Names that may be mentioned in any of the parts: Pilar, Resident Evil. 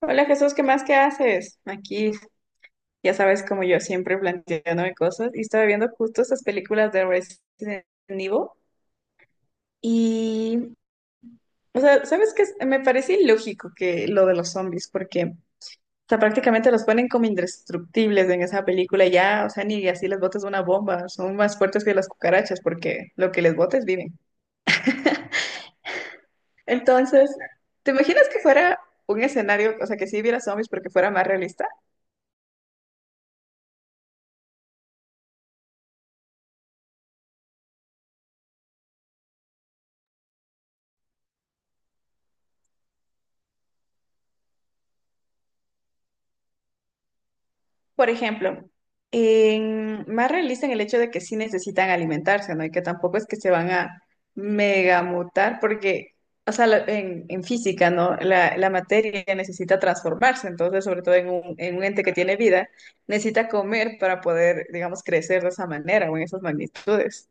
Hola Jesús, ¿qué más? ¿Qué haces? Aquí, ya sabes, como yo siempre planteándome cosas y estaba viendo justo estas películas de Resident Evil y, o sea, ¿sabes qué? Me parece ilógico que lo de los zombies porque, o sea, prácticamente los ponen como indestructibles en esa película y ya, o sea, ni así les botes una bomba, son más fuertes que las cucarachas porque lo que les botes viven. Entonces, ¿te imaginas que fuera un escenario, o sea, que sí hubiera zombies, pero que fuera más realista? Por ejemplo, más realista en el hecho de que sí necesitan alimentarse, ¿no? Y que tampoco es que se van a megamutar, porque, o sea, en física, ¿no? La materia necesita transformarse, entonces, sobre todo en en un ente que tiene vida, necesita comer para poder, digamos, crecer de esa manera o en esas magnitudes.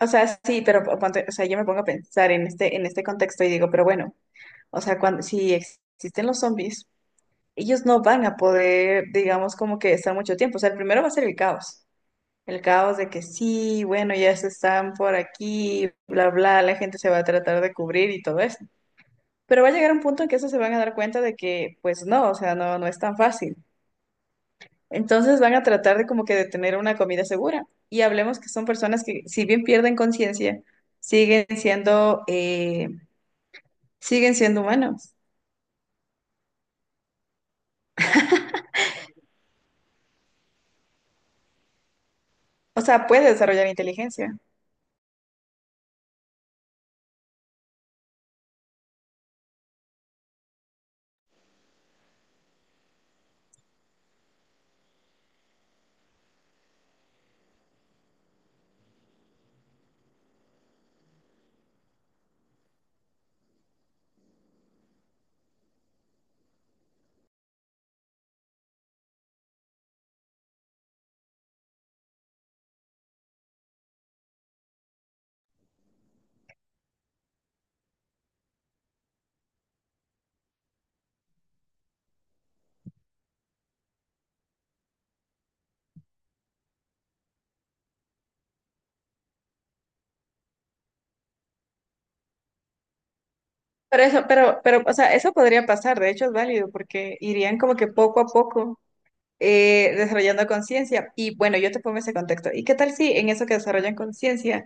O sea, sí, pero o sea, yo me pongo a pensar en este contexto y digo, pero bueno, o sea, cuando, si existen los zombies. Ellos no van a poder, digamos, como que estar mucho tiempo. O sea, el primero va a ser el caos. El caos de que sí, bueno, ya se están por aquí, bla, bla, la gente se va a tratar de cubrir y todo eso. Pero va a llegar un punto en que eso se van a dar cuenta de que, pues no, o sea, no, no es tan fácil. Entonces van a tratar de como que de tener una comida segura. Y hablemos que son personas que, si bien pierden conciencia, siguen siendo, eh, siguen siendo humanos. O sea, puede desarrollar inteligencia. Pero eso, pero, o sea, eso podría pasar, de hecho es válido, porque irían como que poco a poco desarrollando conciencia. Y bueno, yo te pongo ese contexto. ¿Y qué tal si en eso que desarrollan conciencia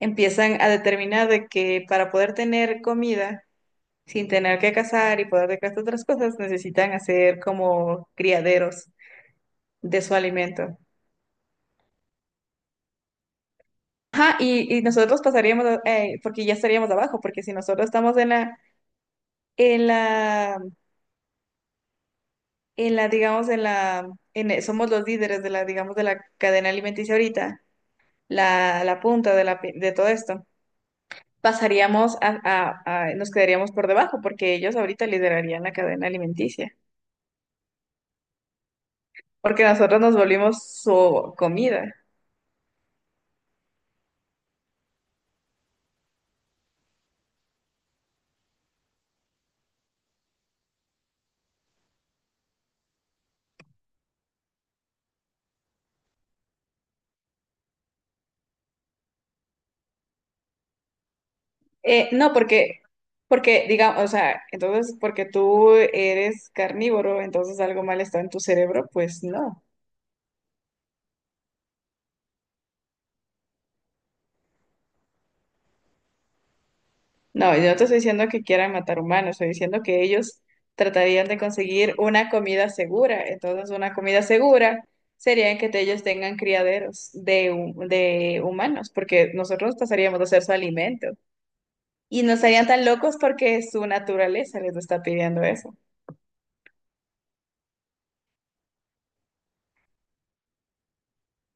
empiezan a determinar de que para poder tener comida sin tener que cazar y poder dejar estas otras cosas, necesitan hacer como criaderos de su alimento? Ajá, y nosotros pasaríamos, porque ya estaríamos abajo, porque si nosotros estamos en la en la, digamos, en la, somos los líderes de la, digamos, de la cadena alimenticia ahorita, la punta de, de todo esto, pasaríamos a, nos quedaríamos por debajo porque ellos ahorita liderarían la cadena alimenticia, porque nosotros nos volvimos su comida. No, porque, digamos, o sea, entonces, porque tú eres carnívoro, entonces algo mal está en tu cerebro, pues no. No, yo no te estoy diciendo que quieran matar humanos, estoy diciendo que ellos tratarían de conseguir una comida segura. Entonces, una comida segura sería que ellos tengan criaderos de humanos, porque nosotros pasaríamos de ser su alimento. Y no estarían tan locos porque su naturaleza les está pidiendo eso.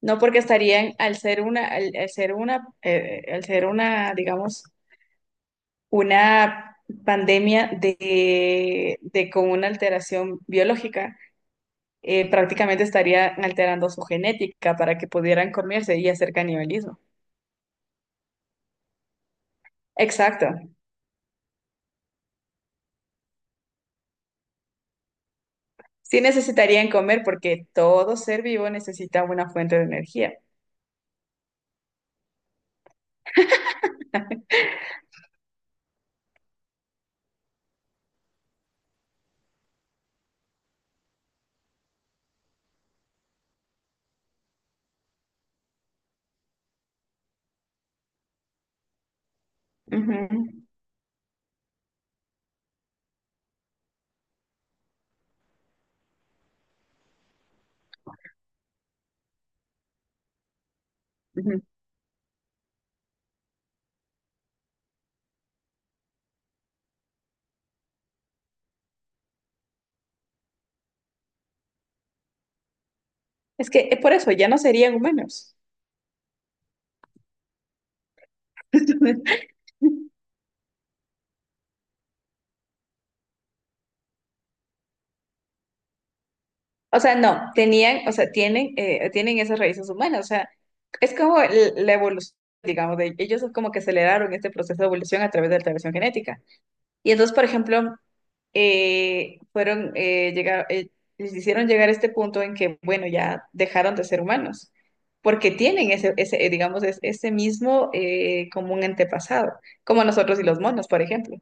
No porque estarían al ser una, al ser una, al ser una, digamos, una pandemia de con una alteración biológica prácticamente estarían alterando su genética para que pudieran comerse y hacer canibalismo. Exacto. Sí necesitarían comer porque todo ser vivo necesita una fuente de energía. Ujú, ujú. Es que por eso ya no serían humanos. O sea, no, tenían, o sea, tienen, tienen esas raíces humanas. O sea, es como la evolución, digamos, de ellos es como que aceleraron este proceso de evolución a través de la alteración genética. Y entonces, por ejemplo, eh, fueron, eh, llegar- eh, les hicieron llegar a este punto en que, bueno, ya dejaron de ser humanos, porque tienen ese, digamos, ese mismo común antepasado, como nosotros y los monos, por ejemplo.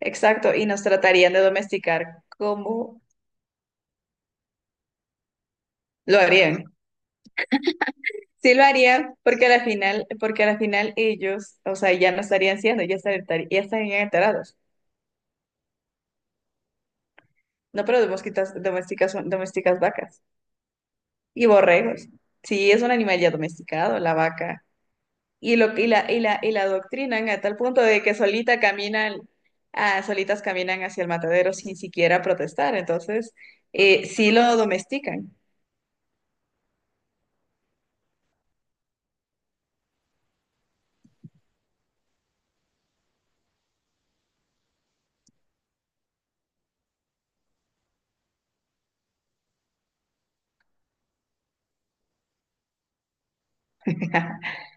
Exacto, y nos tratarían de domesticar como lo harían. Sí lo harían, porque al final ellos, o sea, ya no estarían siendo, ya estarían enterados. No, pero domesticas, domesticas vacas. Y borregos. Sí, es un animal ya domesticado, la vaca. Y lo y la y la y la adoctrinan a tal punto de que solita caminan, ah, solitas caminan hacia el matadero sin siquiera protestar. Entonces, sí lo domestican.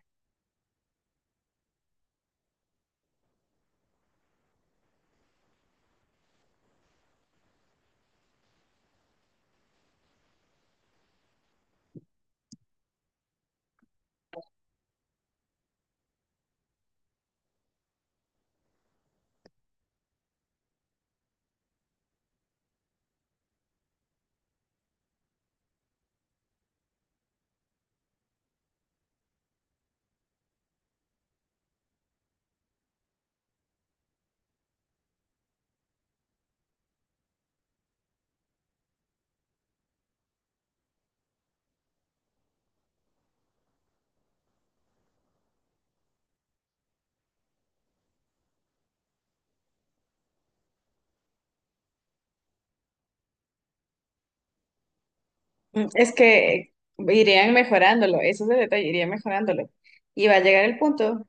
Mm, es que irían mejorándolo, eso es el detalle, irían mejorándolo. Y va a llegar el punto.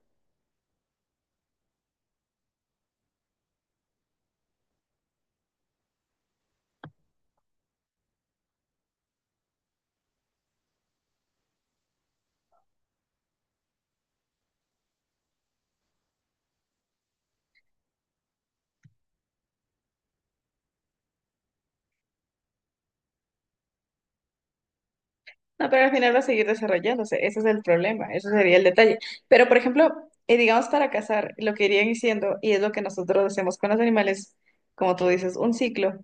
No, pero al final va a seguir desarrollándose, ese es el problema, ese sería el detalle. Pero, por ejemplo, digamos para cazar, lo que irían diciendo, y es lo que nosotros hacemos con los animales, como tú dices, un ciclo,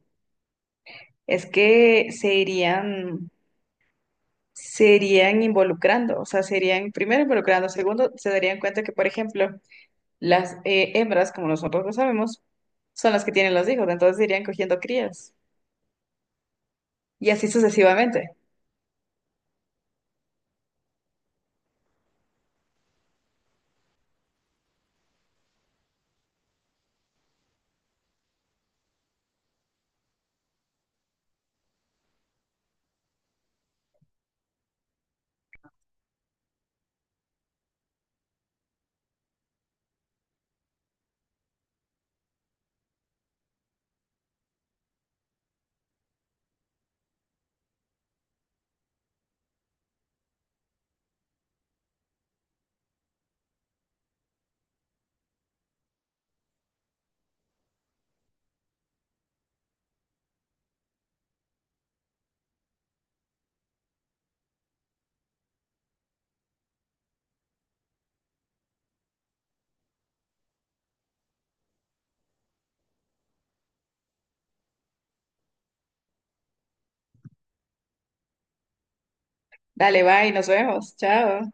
es que se irían involucrando, o sea, se irían primero involucrando, segundo, se darían cuenta que, por ejemplo, las hembras, como nosotros lo sabemos, son las que tienen los hijos, entonces irían cogiendo crías, y así sucesivamente. Dale, bye, nos vemos, chao.